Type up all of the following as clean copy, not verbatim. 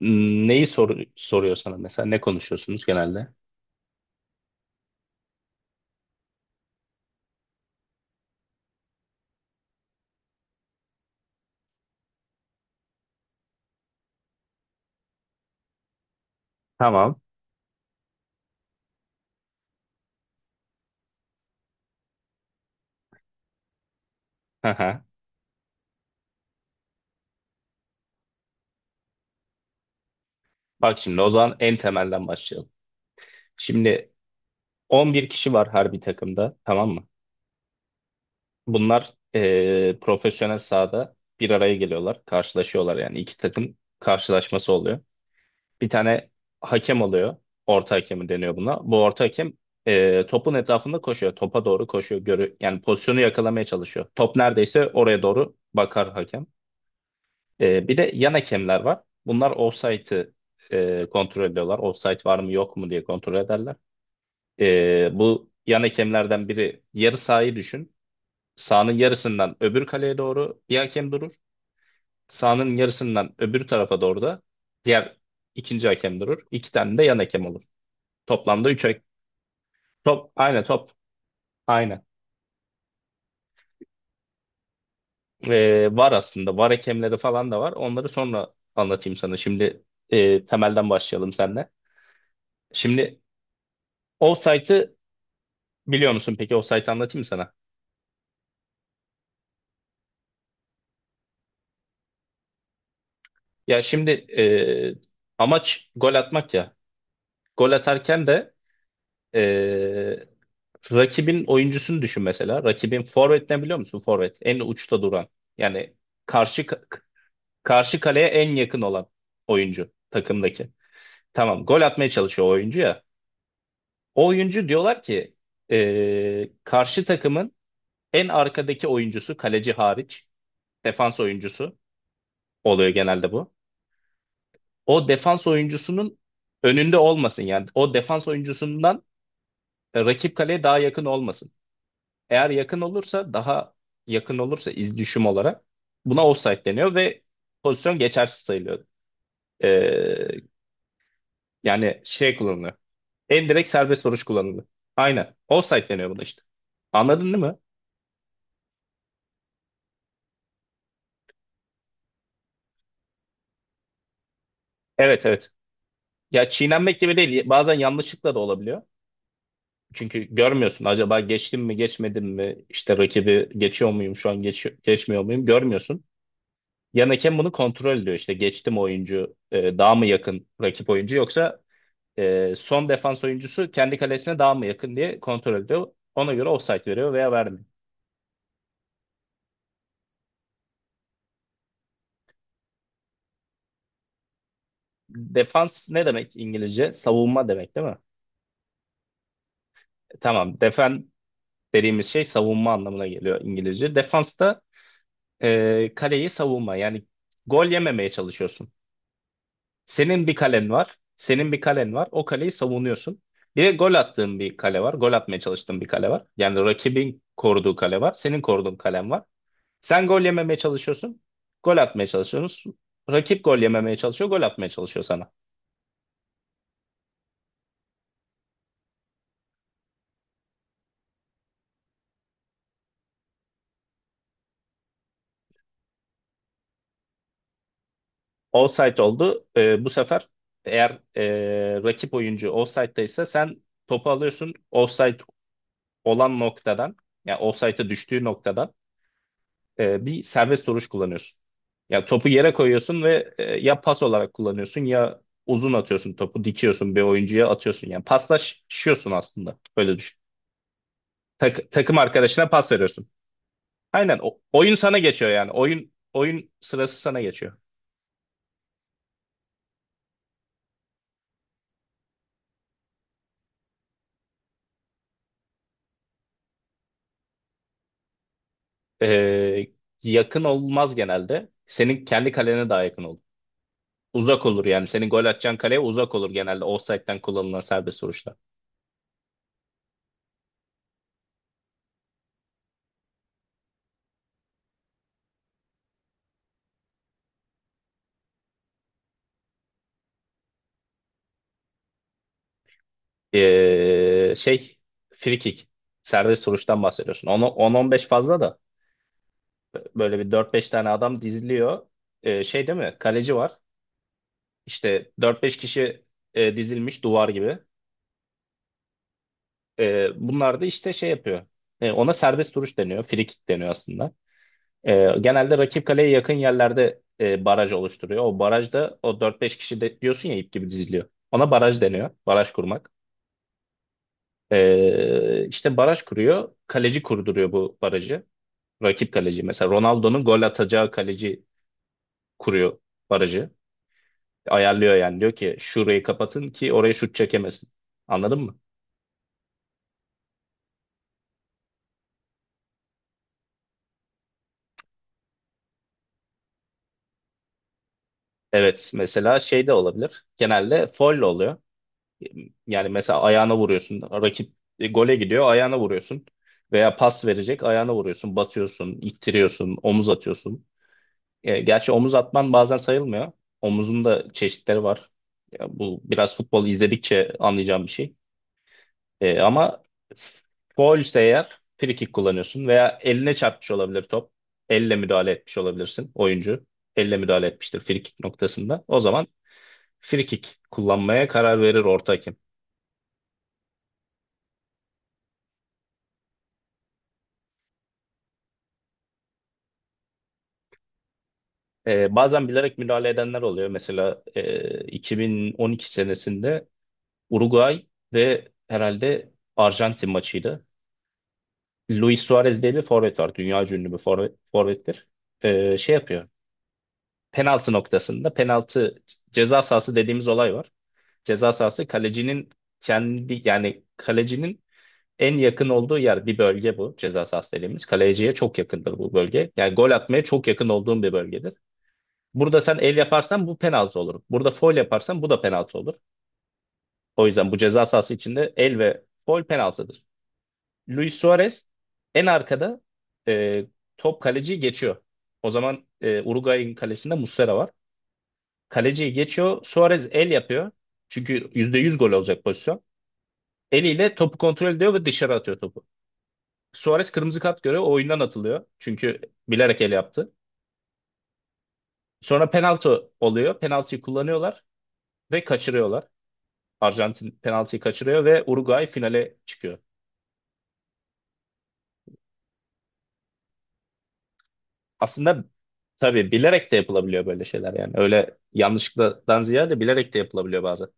Neyi soruyor sana mesela? Ne konuşuyorsunuz genelde? Tamam. Hı hı. Bak şimdi o zaman en temelden başlayalım. Şimdi 11 kişi var her bir takımda, tamam mı? Bunlar profesyonel sahada bir araya geliyorlar. Karşılaşıyorlar, yani iki takım karşılaşması oluyor. Bir tane hakem oluyor. Orta hakemi deniyor buna. Bu orta hakem topun etrafında koşuyor. Topa doğru koşuyor. Yani pozisyonu yakalamaya çalışıyor. Top neredeyse oraya doğru bakar hakem. Bir de yan hakemler var. Bunlar ofsaytı kontrol ediyorlar. Ofsayt var mı yok mu diye kontrol ederler. Bu yan hakemlerden biri yarı sahayı düşün. Sahanın yarısından öbür kaleye doğru bir hakem durur. Sahanın yarısından öbür tarafa doğru da diğer ikinci hakem durur. İki tane de yan hakem olur. Toplamda üç hakem. Top, aynı top. Aynı. Var aslında. Var, hakemleri falan da var. Onları sonra anlatayım sana. Şimdi temelden başlayalım seninle. Şimdi Offside'ı biliyor musun peki? Offside'ı anlatayım sana. Ya şimdi amaç gol atmak ya. Gol atarken de e, rakibin oyuncusunu düşün mesela. Rakibin forvet ne, biliyor musun? Forvet en uçta duran. Yani karşı karşı kaleye en yakın olan oyuncu takımdaki. Tamam, gol atmaya çalışıyor o oyuncu ya. O oyuncu diyorlar ki karşı takımın en arkadaki oyuncusu, kaleci hariç defans oyuncusu oluyor genelde bu. O defans oyuncusunun önünde olmasın yani. O defans oyuncusundan rakip kaleye daha yakın olmasın. Eğer yakın olursa daha yakın olursa, iz düşüm olarak buna offside deniyor ve pozisyon geçersiz sayılıyor. Ee, yani şey kullanılıyor. En direkt serbest vuruş kullanılıyor. Aynen. Offside deniyor buna işte. Anladın değil mi? Evet, evet. Ya çiğnenmek gibi değil. Bazen yanlışlıkla da olabiliyor. Çünkü görmüyorsun, acaba geçtim mi geçmedim mi, işte rakibi geçiyor muyum şu an, geçmiyor muyum, görmüyorsun. Yan hakem bunu kontrol ediyor. İşte geçti mi oyuncu, daha mı yakın rakip oyuncu, yoksa son defans oyuncusu kendi kalesine daha mı yakın diye kontrol ediyor. Ona göre offside veriyor veya vermiyor. Defans ne demek İngilizce? Savunma demek değil mi? Tamam. Defen dediğimiz şey savunma anlamına geliyor İngilizce. Defans da kaleyi savunma. Yani gol yememeye çalışıyorsun. Senin bir kalen var. Senin bir kalen var. O kaleyi savunuyorsun. Bir de gol attığın bir kale var. Gol atmaya çalıştığın bir kale var. Yani rakibin koruduğu kale var. Senin koruduğun kalen var. Sen gol yememeye çalışıyorsun. Gol atmaya çalışıyorsun. Rakip gol yememeye çalışıyor. Gol atmaya çalışıyor sana. Offside oldu. Bu sefer eğer rakip oyuncu offside'daysa sen topu alıyorsun. Offside olan noktadan, yani offside'a düştüğü noktadan bir serbest duruş kullanıyorsun. Ya topu yere koyuyorsun ve ya pas olarak kullanıyorsun, ya uzun atıyorsun, topu dikiyorsun bir oyuncuya atıyorsun. Yani paslaşıyorsun aslında. Böyle düşün. Takım arkadaşına pas veriyorsun. Aynen, oyun sana geçiyor yani. Oyun sırası sana geçiyor. E, yakın olmaz genelde. Senin kendi kalene daha yakın olur. Uzak olur yani. Senin gol atacağın kaleye uzak olur genelde, offside'den kullanılan serbest vuruşlar. Şey, free kick. Serbest vuruştan bahsediyorsun. 10-15 fazla da böyle bir dört beş tane adam diziliyor. Şey değil mi? Kaleci var. İşte dört beş kişi dizilmiş duvar gibi. Bunlar da işte şey yapıyor. Ona serbest vuruş deniyor. Free kick deniyor aslında. Genelde rakip kaleye yakın yerlerde baraj oluşturuyor. O barajda o dört beş kişi de, diyorsun ya, ip gibi diziliyor. Ona baraj deniyor. Baraj kurmak. İşte baraj kuruyor. Kaleci kurduruyor bu barajı. Rakip kaleci. Mesela Ronaldo'nun gol atacağı kaleci kuruyor barajı. Ayarlıyor yani. Diyor ki şurayı kapatın ki oraya şut çekemesin. Anladın mı? Evet. Mesela şey de olabilir. Genelde foul oluyor. Yani mesela ayağına vuruyorsun. Rakip gole gidiyor, ayağına vuruyorsun. Veya pas verecek, ayağına vuruyorsun. Basıyorsun, ittiriyorsun, omuz atıyorsun. Gerçi omuz atman bazen sayılmıyor. Omuzun da çeşitleri var. Ya bu biraz futbol izledikçe anlayacağım bir şey. Ama faul ise eğer free kick kullanıyorsun, veya eline çarpmış olabilir top. Elle müdahale etmiş olabilirsin oyuncu. Elle müdahale etmiştir free kick noktasında. O zaman free kick kullanmaya karar verir orta hakem. Bazen bilerek müdahale edenler oluyor. Mesela 2012 senesinde Uruguay ve herhalde Arjantin maçıydı. Luis Suarez diye bir forvet var. Dünya ünlü bir forvettir. Şey yapıyor. Penaltı noktasında penaltı, ceza sahası dediğimiz olay var. Ceza sahası kalecinin kendi, yani kalecinin en yakın olduğu yer, bir bölge bu ceza sahası dediğimiz. Kaleciye çok yakındır bu bölge. Yani gol atmaya çok yakın olduğum bir bölgedir. Burada sen el yaparsan bu penaltı olur. Burada faul yaparsan bu da penaltı olur. O yüzden bu ceza sahası içinde el ve faul penaltıdır. Luis Suarez en arkada, e, top kaleciyi geçiyor. O zaman Uruguay'ın kalesinde Muslera var. Kaleciyi geçiyor. Suarez el yapıyor. Çünkü %100 gol olacak pozisyon. Eliyle topu kontrol ediyor ve dışarı atıyor topu. Suarez kırmızı kart görüyor. O oyundan atılıyor. Çünkü bilerek el yaptı. Sonra penaltı oluyor. Penaltıyı kullanıyorlar ve kaçırıyorlar. Arjantin penaltıyı kaçırıyor ve Uruguay finale çıkıyor. Aslında tabii bilerek de yapılabiliyor böyle şeyler yani. Öyle yanlışlıktan ziyade bilerek de yapılabiliyor bazen.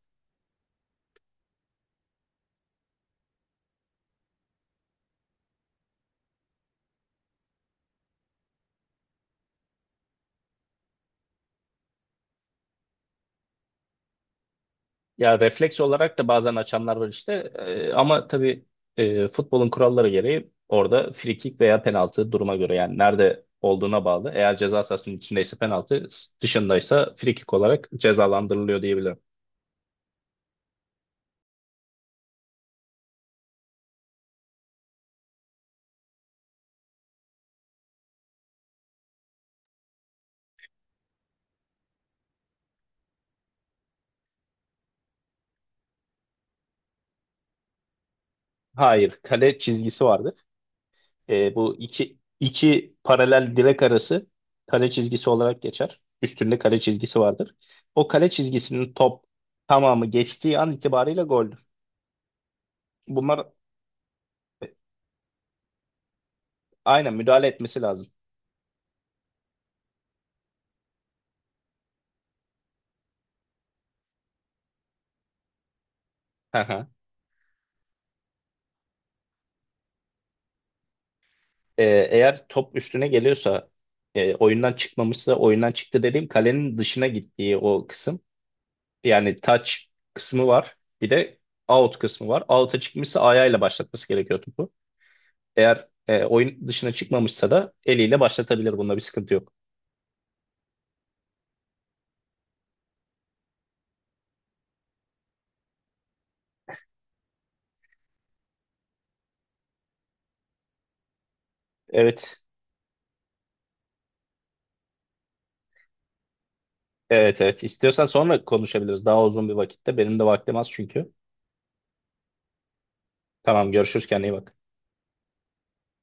Ya refleks olarak da bazen açanlar var işte. Ama tabii futbolun kuralları gereği orada free kick veya penaltı, duruma göre yani nerede olduğuna bağlı. Eğer ceza sahasının içindeyse penaltı, dışındaysa free kick olarak cezalandırılıyor diyebilirim. Hayır, kale çizgisi vardı. Bu iki paralel direk arası kale çizgisi olarak geçer. Üstünde kale çizgisi vardır. O kale çizgisinin top tamamı geçtiği an itibariyle goldür. Bunlar aynen müdahale etmesi lazım. Hı hı. E, eğer top üstüne geliyorsa oyundan çıkmamışsa, oyundan çıktı dediğim kalenin dışına gittiği o kısım. Yani touch kısmı var. Bir de out kısmı var. Out'a çıkmışsa ayağıyla başlatması gerekiyor topu. Eğer oyun dışına çıkmamışsa da eliyle başlatabilir. Bunda bir sıkıntı yok. Evet. Evet, evet. İstiyorsan sonra konuşabiliriz. Daha uzun bir vakitte. Benim de vaktim az çünkü. Tamam, görüşürüz, kendine iyi bak.